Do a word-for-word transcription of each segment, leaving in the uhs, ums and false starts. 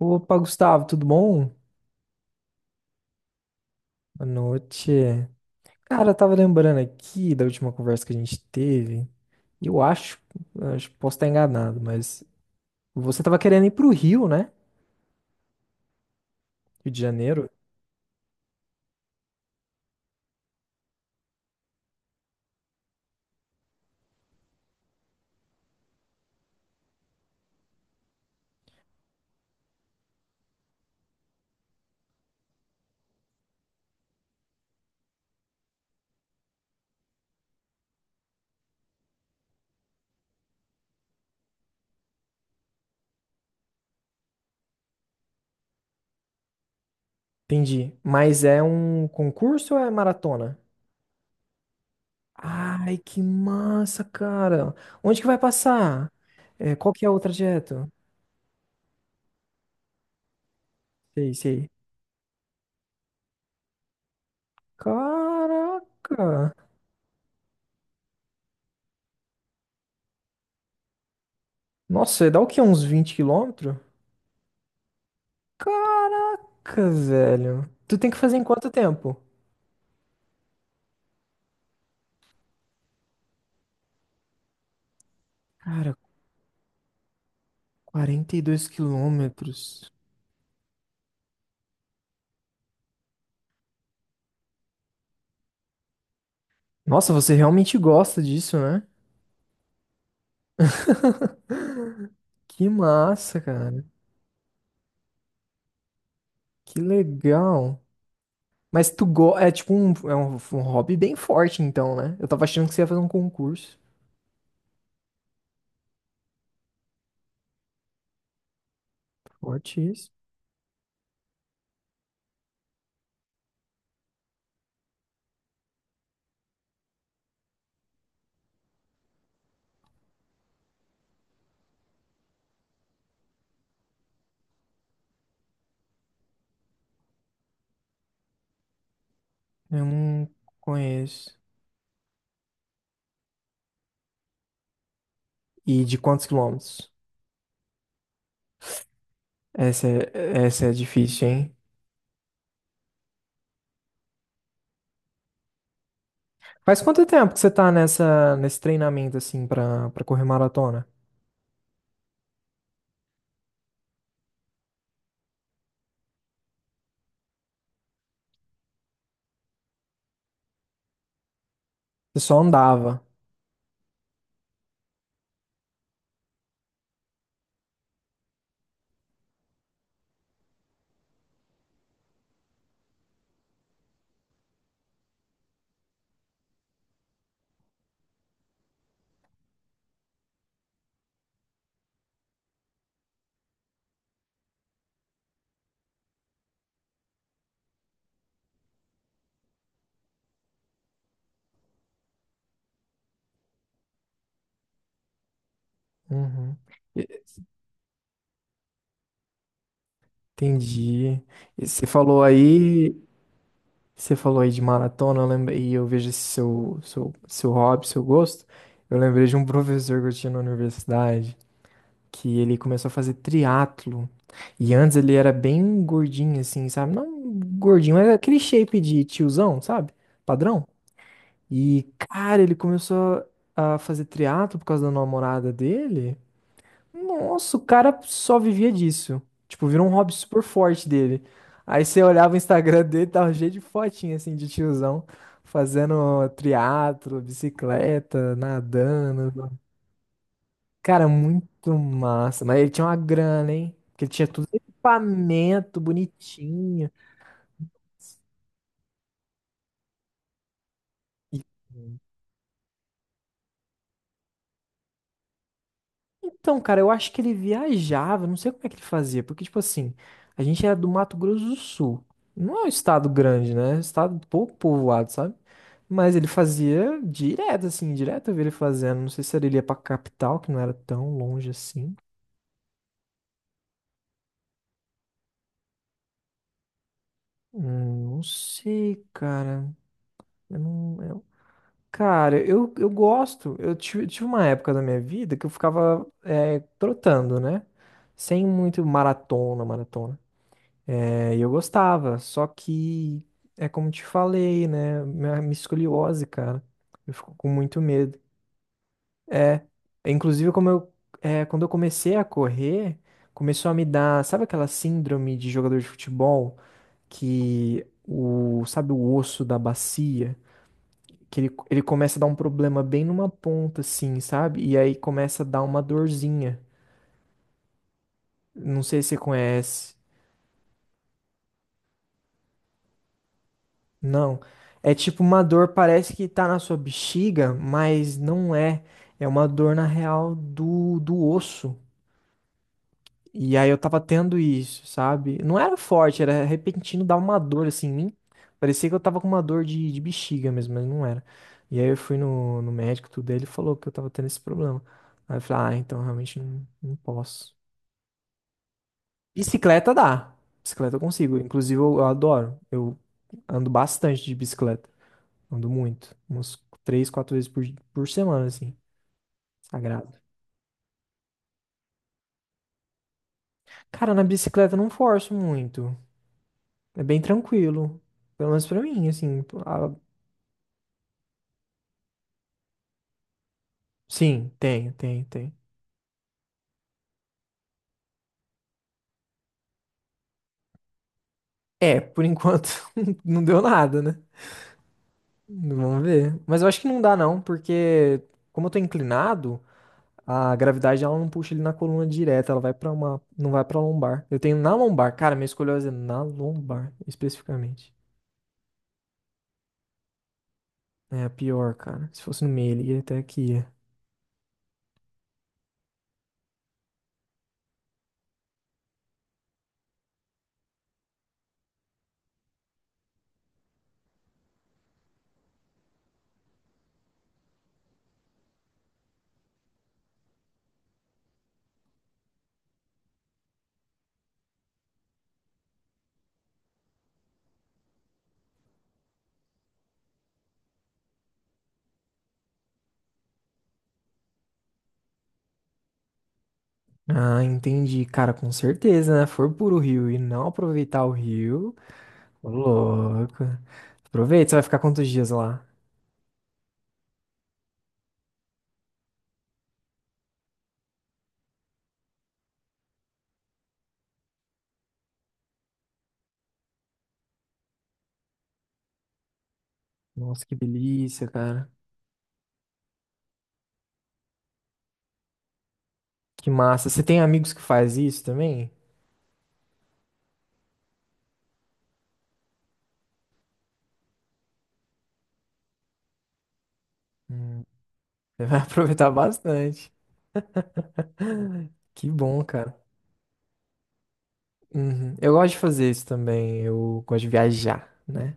Opa, Gustavo, tudo bom? Boa noite. Cara, eu tava lembrando aqui da última conversa que a gente teve. E eu acho, acho que posso estar enganado, mas você tava querendo ir pro Rio, né? Rio de Janeiro. Entendi. Mas é um concurso ou é maratona? Ai, que massa, cara. Onde que vai passar? É, qual que é o trajeto? Sei, sei. Caraca. Nossa, dá o quê? Uns vinte quilômetros? Caraca, velho. Tu tem que fazer em quanto tempo? Cara, quarenta e dois quilômetros. Nossa, você realmente gosta disso, né? Que massa, cara. Que legal. Mas tu go... é tipo um, é um, um hobby bem forte, então, né? Eu tava achando que você ia fazer um concurso. Forte isso. Eu não conheço. E de quantos quilômetros? Essa é, essa é difícil, hein? Faz quanto tempo que você tá nessa, nesse treinamento, assim, pra, pra correr maratona? Você só andava. Uhum. E- Entendi. E você falou aí, você falou aí de maratona, eu lembrei, e eu vejo esse seu, seu, seu hobby, seu gosto. Eu lembrei de um professor que eu tinha na universidade, que ele começou a fazer triatlo. E antes ele era bem gordinho, assim, sabe? Não gordinho, mas aquele shape de tiozão, sabe? Padrão. E, cara, ele começou a fazer triatlo por causa da namorada dele. Nossa, o cara só vivia disso. Tipo, virou um hobby super forte dele. Aí você olhava o Instagram dele, tava cheio de fotinha, assim, de tiozão, fazendo triatlo, bicicleta, nadando. Cara, muito massa. Mas ele tinha uma grana, hein? Porque ele tinha tudo equipamento bonitinho. E Então, cara, eu acho que ele viajava, não sei como é que ele fazia, porque, tipo assim, a gente era do Mato Grosso do Sul. Não é um estado grande, né? É um estado pouco povoado, sabe? Mas ele fazia direto, assim, direto eu vi ele fazendo. Não sei se ele ia pra capital, que não era tão longe assim. Hum, não sei, cara. Eu não, eu- Cara, eu, eu gosto. Eu tive, tive uma época da minha vida que eu ficava é, trotando, né? Sem muito maratona, maratona. É, e eu gostava, só que é como te falei, né? Minha, minha escoliose, cara. Eu fico com muito medo. Inclusive, como eu, é, quando eu comecei a correr, começou a me dar, sabe aquela síndrome de jogador de futebol que o, sabe, o osso da bacia, que ele, ele começa a dar um problema bem numa ponta, assim, sabe? E aí começa a dar uma dorzinha. Não sei se você conhece. Não. É tipo uma dor, parece que tá na sua bexiga, mas não é. É uma dor na real do, do osso. E aí eu tava tendo isso, sabe? Não era forte, era repentino, dava uma dor assim em mim. Parecia que eu tava com uma dor de, de bexiga mesmo, mas não era. E aí eu fui no, no médico, tudo, ele falou que eu tava tendo esse problema. Aí eu falei, ah, então realmente não, não posso. Bicicleta dá. Bicicleta eu consigo. Inclusive eu eu adoro. Eu ando bastante de bicicleta. Ando muito. Umas três, quatro vezes por, por semana, assim. Sagrado. Cara, na bicicleta eu não forço muito. É bem tranquilo. Pelo menos pra mim, assim. Ah, sim, tem, tem, tem. É, por enquanto não deu nada, né? Vamos ver. Mas eu acho que não dá, não, porque como eu tô inclinado, a gravidade ela não puxa ele na coluna direta, ela vai pra uma. Não vai pra lombar. Eu tenho na lombar. Cara, minha escoliose é na lombar, especificamente. É a pior, cara. Se fosse no meio, ele ia até aqui. é. Ah, entendi. Cara, com certeza, né? For por o Rio e não aproveitar o Rio, ô louco. Aproveita, você vai ficar quantos dias lá? Nossa, que delícia, cara. Que massa. Você tem amigos que faz isso também? Hum, você vai aproveitar bastante. Que bom, cara. Uhum. Eu gosto de fazer isso também. Eu gosto de viajar, né?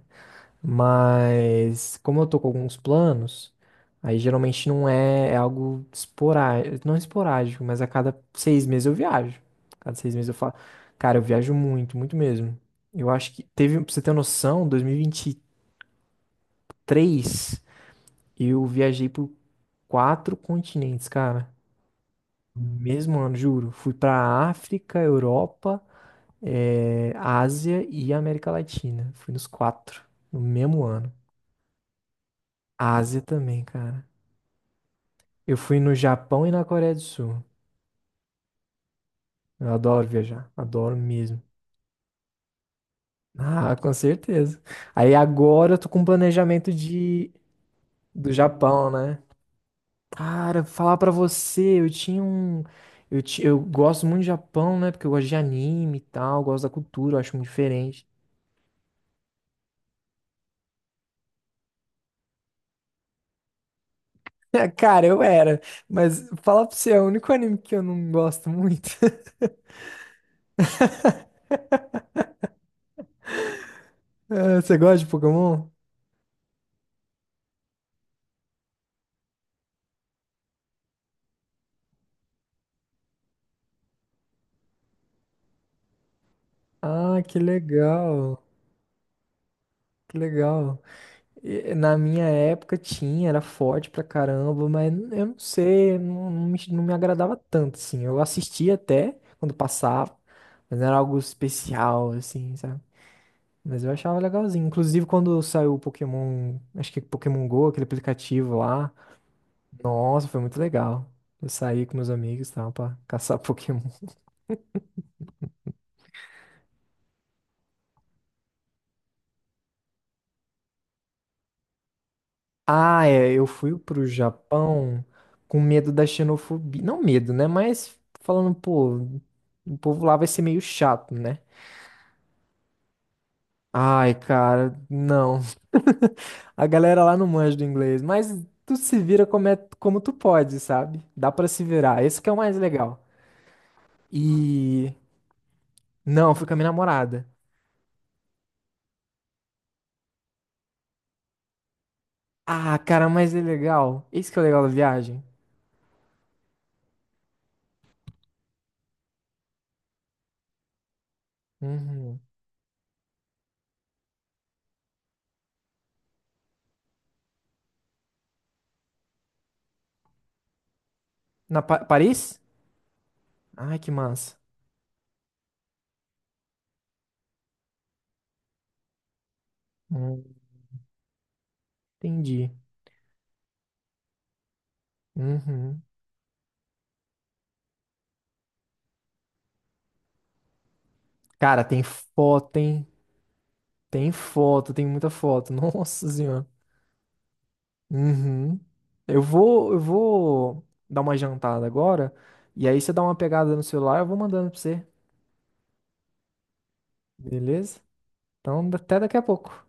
Mas como eu tô com alguns planos, aí geralmente não é, é algo esporádico, não é esporádico, mas a cada seis meses eu viajo. Cada seis meses eu falo, cara, eu viajo muito, muito mesmo. Eu acho que teve, pra você ter noção, dois mil e e vinte e três eu viajei por quatro continentes, cara. No Mesmo ano, juro. Fui pra África, Europa, eh, Ásia e América Latina. Fui nos quatro, no mesmo ano. Ásia também, cara. Eu fui no Japão e na Coreia do Sul. Eu adoro viajar, adoro mesmo. Ah, com certeza. Aí agora eu tô com um planejamento de do Japão, né? Cara, falar pra você, eu tinha um eu, ti- eu gosto muito do Japão, né? Porque eu gosto de anime e tal, eu gosto da cultura, eu acho muito diferente. Cara, eu era, mas falar pra você, é o único anime que eu não gosto muito. Ah, Você gosta de Pokémon? Ah, que legal. Que legal. E eh, Na minha época tinha, era forte pra caramba, mas n- eu não sei, não, não me, não me agradava tanto, assim. Eu assistia até quando passava, mas não era algo especial, assim, sabe? Mas eu achava legalzinho. Inclusive quando saiu o Pokémon, acho que Pokémon Go, aquele aplicativo lá. Nossa, foi muito legal. Eu saí com meus amigos, e tal, pra caçar Pokémon. Ah, é, eu fui pro Japão com medo da xenofobia. Não medo, né? Mas falando, pô, o povo lá vai ser meio chato, né? Ai, cara, não. A galera lá não manja do inglês, mas tu se vira como, é, como tu pode, sabe? Dá pra se virar. Esse que é o mais legal. E não, fui com a minha namorada. Ah, cara, mas é legal. Esse que é o legal da viagem. Uhum. Na Pa- Paris? Ai, que massa. Hum, entendi. Uhum. Cara, tem foto, hein? Tem foto, tem muita foto. Nossa senhora. Uhum. Eu vou, eu vou dar uma jantada agora. E aí você dá uma pegada no celular, eu vou mandando pra você. Beleza? Então, até daqui a pouco.